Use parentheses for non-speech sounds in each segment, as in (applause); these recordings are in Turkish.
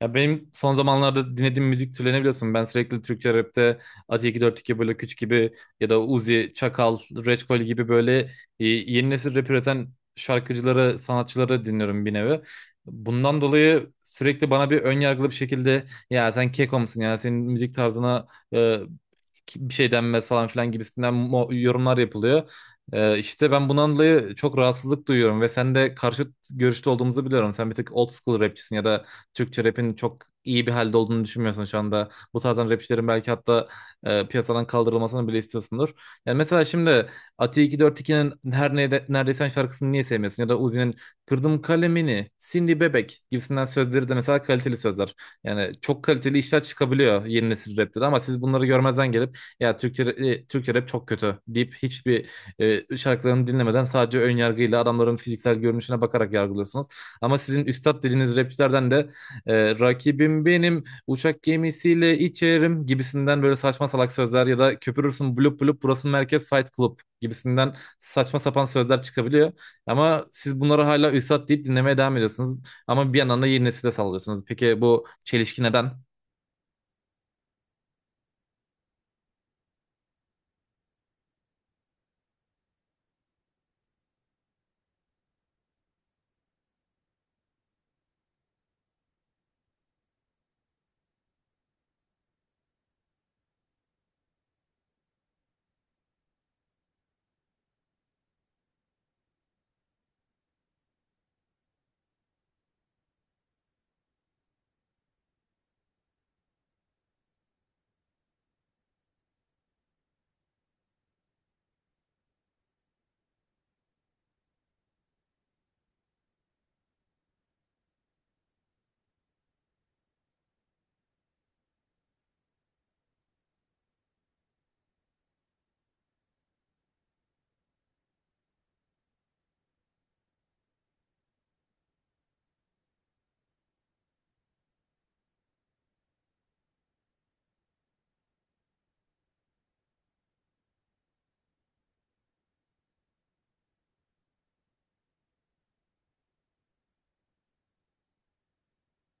Ya benim son zamanlarda dinlediğim müzik türlerini biliyorsun. Ben sürekli Türkçe rapte Ati 242 böyle Küç gibi ya da Uzi, Çakal, Reçkol gibi böyle yeni nesil rap üreten şarkıcıları, sanatçıları dinliyorum bir nevi. Bundan dolayı sürekli bana bir ön yargılı bir şekilde ya sen keko musun ya senin müzik tarzına e, bir şey denmez falan filan gibisinden yorumlar yapılıyor. İşte ben bundan dolayı çok rahatsızlık duyuyorum ve sen de karşıt görüşte olduğumuzu biliyorum. Sen bir tık old school rapçisin ya da Türkçe rapin çok iyi bir halde olduğunu düşünmüyorsun şu anda. Bu tarzdan rapçilerin belki hatta piyasadan kaldırılmasını bile istiyorsundur. Yani mesela şimdi Ati 242'nin her neredeyse Sen şarkısını niye sevmiyorsun? Ya da Uzi'nin Kırdım Kalemini, Cindy Bebek gibisinden sözleri de mesela kaliteli sözler. Yani çok kaliteli işler çıkabiliyor yeni nesil rapte de, ama siz bunları görmezden gelip ya Türkçe rap çok kötü deyip hiçbir şarkılarını dinlemeden sadece ön yargıyla adamların fiziksel görünüşüne bakarak yargılıyorsunuz. Ama sizin üstad dediğiniz rapçilerden de "rakibim benim uçak gemisiyle içerim" gibisinden böyle saçma salak sözler ya da "köpürürsün blup blup burası merkez fight club" gibisinden saçma sapan sözler çıkabiliyor. Ama siz bunları hala üstad deyip dinlemeye devam ediyorsunuz. Ama bir yandan da yeni nesile sallıyorsunuz. Peki bu çelişki neden?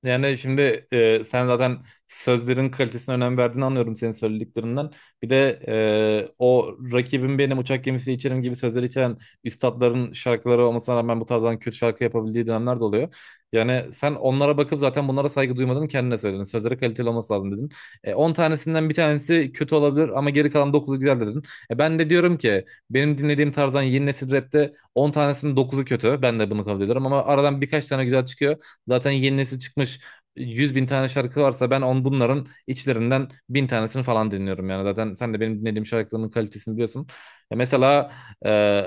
Yani şimdi sen zaten sözlerin kalitesine önem verdiğini anlıyorum senin söylediklerinden. Bir de o "rakibim benim uçak gemisi içerim" gibi sözleri içeren üstatların şarkıları olmasına rağmen bu tarzdan kötü şarkı yapabildiği dönemler de oluyor. Yani sen onlara bakıp zaten bunlara saygı duymadın, kendine söyledin. Sözleri kaliteli olması lazım dedin. 10 tanesinden bir tanesi kötü olabilir ama geri kalan dokuzu güzel dedin. Ben de diyorum ki benim dinlediğim tarzdan yeni nesil rapte 10 tanesinin dokuzu kötü. Ben de bunu kabul ediyorum ama aradan birkaç tane güzel çıkıyor. Zaten yeni nesil çıkmış 100 bin tane şarkı varsa ben bunların içlerinden bin tanesini falan dinliyorum yani. Zaten sen de benim dinlediğim şarkıların kalitesini biliyorsun. Ya mesela e,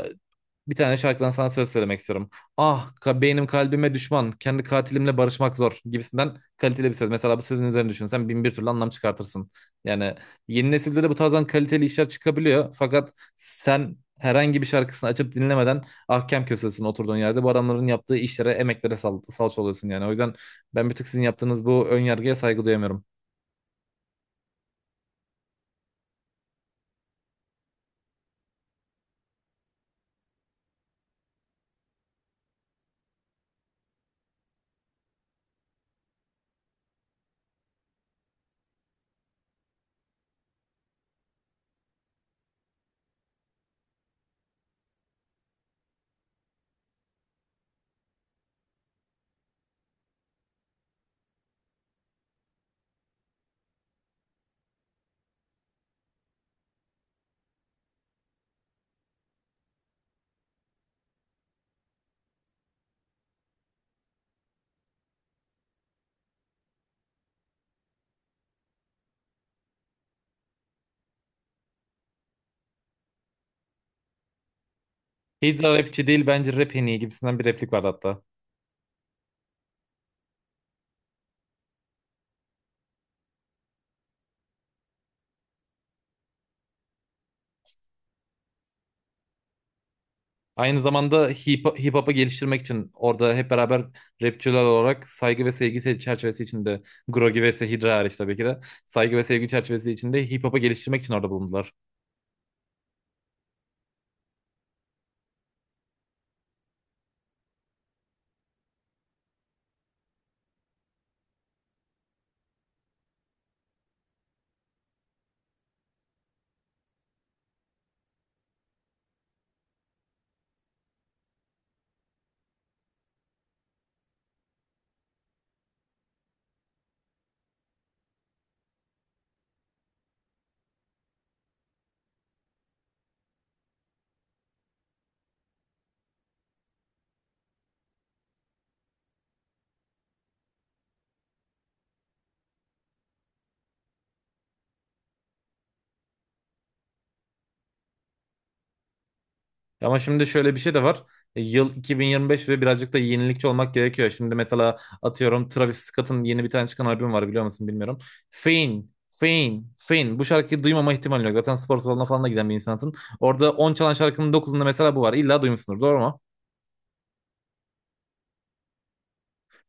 bir tane şarkıdan sana söz söylemek istiyorum. Beynim kalbime düşman. Kendi katilimle barışmak zor gibisinden kaliteli bir söz. Mesela bu sözün üzerine düşünsen bin bir türlü anlam çıkartırsın. Yani yeni nesilde de bu tarzdan kaliteli işler çıkabiliyor. Fakat sen herhangi bir şarkısını açıp dinlemeden ahkem kösesin oturduğun yerde. Bu adamların yaptığı işlere, emeklere sal salça oluyorsun yani. O yüzden ben bir tık sizin yaptığınız bu ön yargıya saygı duyamıyorum. Hidra rapçi değil, bence rap en iyi gibisinden bir replik vardı hatta. Aynı zamanda hip hop'u geliştirmek için orada hep beraber rapçiler olarak saygı ve sevgi çerçevesi içinde, Grogi ve Sehidra hariç tabii ki de, saygı ve sevgi çerçevesi içinde hip hop'u geliştirmek için orada bulundular. Ama şimdi şöyle bir şey de var. Yıl 2025 ve birazcık da yenilikçi olmak gerekiyor. Şimdi mesela atıyorum Travis Scott'ın yeni bir tane çıkan albüm var, biliyor musun bilmiyorum. Fame, Fame, Fame. Bu şarkıyı duymama ihtimali yok. Zaten spor salonuna falan da giden bir insansın. Orada 10 çalan şarkının dokuzunda mesela bu var. İlla duymuşsundur, doğru mu?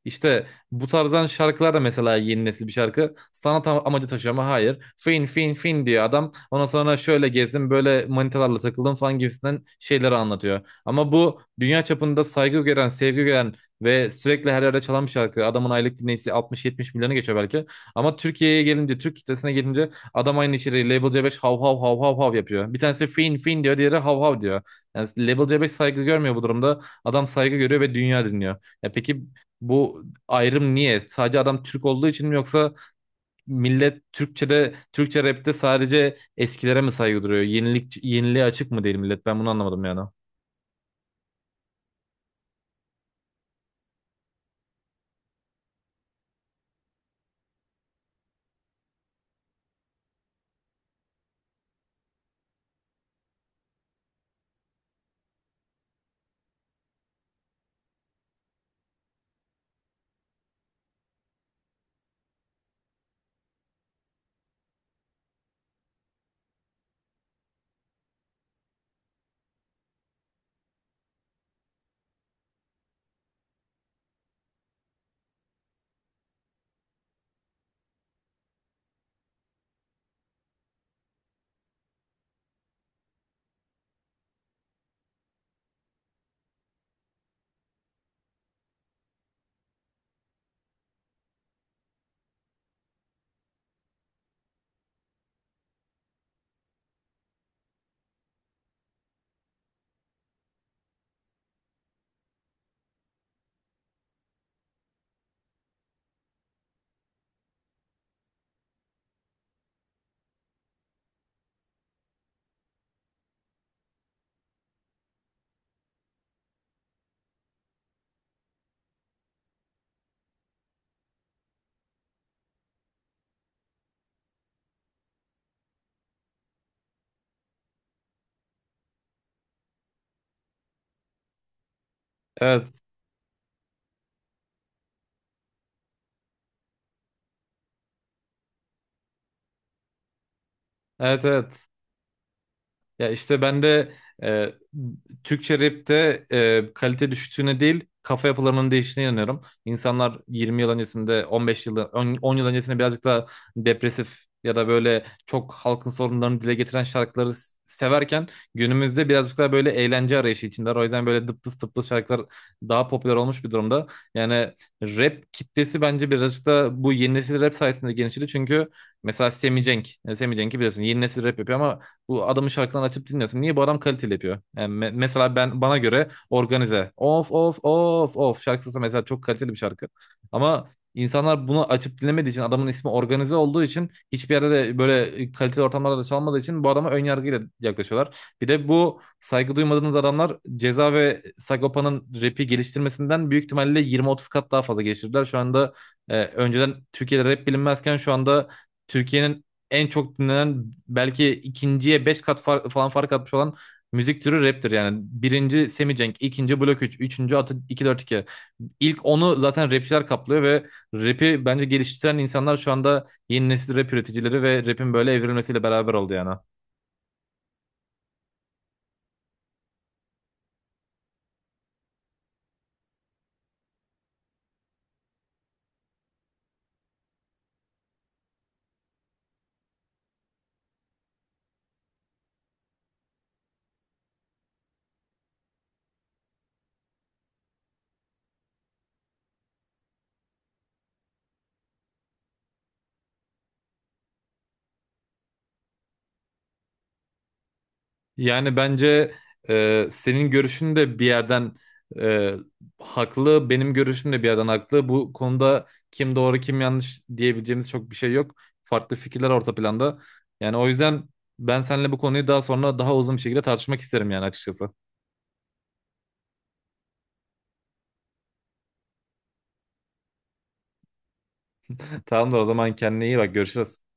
İşte bu tarzdan şarkılar da mesela yeni nesil bir şarkı. Sanat amacı taşıyor ama hayır. Fin fin fin diyor adam. Ondan sonra şöyle gezdim böyle manitalarla takıldım falan gibisinden şeyleri anlatıyor. Ama bu dünya çapında saygı gören, sevgi gören ve sürekli her yerde çalan bir şarkı. Adamın aylık dinleyicisi 60-70 milyonu geçiyor belki. Ama Türkiye'ye gelince, Türk kitlesine gelince adam aynı içeriği Label C5 hav hav hav hav hav yapıyor. Bir tanesi fin fin diyor, diğeri hav hav diyor. Yani Label C5 saygı görmüyor bu durumda. Adam saygı görüyor ve dünya dinliyor. Ya peki bu ayrım niye? Sadece adam Türk olduğu için mi, yoksa millet Türkçe'de, Türkçe rap'te sadece eskilere mi saygı duruyor? Yeniliğe açık mı değil millet? Ben bunu anlamadım yani. Evet, evet, evet. Ya işte ben de e, Türkçe rapte kalite düştüğüne değil kafa yapılarının değiştiğine inanıyorum. İnsanlar 20 yıl öncesinde, 15 yıl, 10 yıl öncesinde birazcık daha depresif ya da böyle çok halkın sorunlarını dile getiren şarkıları severken, günümüzde birazcık daha böyle eğlence arayışı içindeler. O yüzden böyle dıptıs dıptıs şarkılar daha popüler olmuş bir durumda. Yani rap kitlesi bence birazcık da bu yeni nesil rap sayesinde genişledi. Çünkü mesela Semi Cenk, yani Semi Cenk'i biliyorsun, yeni nesil rap yapıyor ama bu adamın şarkılarını açıp dinliyorsun. Niye bu adam kaliteli yapıyor? Yani mesela ben bana göre Organize. Of of of of şarkısı mesela çok kaliteli bir şarkı. Ama insanlar bunu açıp dinlemediği için, adamın ismi Organize olduğu için, hiçbir yerde de böyle kaliteli ortamlarda da çalmadığı için bu adama ön yargıyla yaklaşıyorlar. Bir de bu saygı duymadığınız adamlar Ceza ve Sagopa'nın rap'i geliştirmesinden büyük ihtimalle 20-30 kat daha fazla geliştirdiler. Şu anda önceden Türkiye'de rap bilinmezken şu anda Türkiye'nin en çok dinlenen, belki ikinciye 5 kat falan fark atmış olan müzik türü raptir yani. Birinci Semicenk, ikinci Blok 3, üçüncü Atı 242. İlk onu zaten rapçiler kaplıyor ve rapi bence geliştiren insanlar şu anda yeni nesil rap üreticileri, ve rapin böyle evrilmesiyle beraber oldu yani. Yani bence senin görüşün de bir yerden e, haklı, benim görüşüm de bir yerden haklı. Bu konuda kim doğru kim yanlış diyebileceğimiz çok bir şey yok. Farklı fikirler orta planda. Yani o yüzden ben seninle bu konuyu daha sonra daha uzun bir şekilde tartışmak isterim yani, açıkçası. (laughs) Tamamdır o zaman, kendine iyi bak, görüşürüz.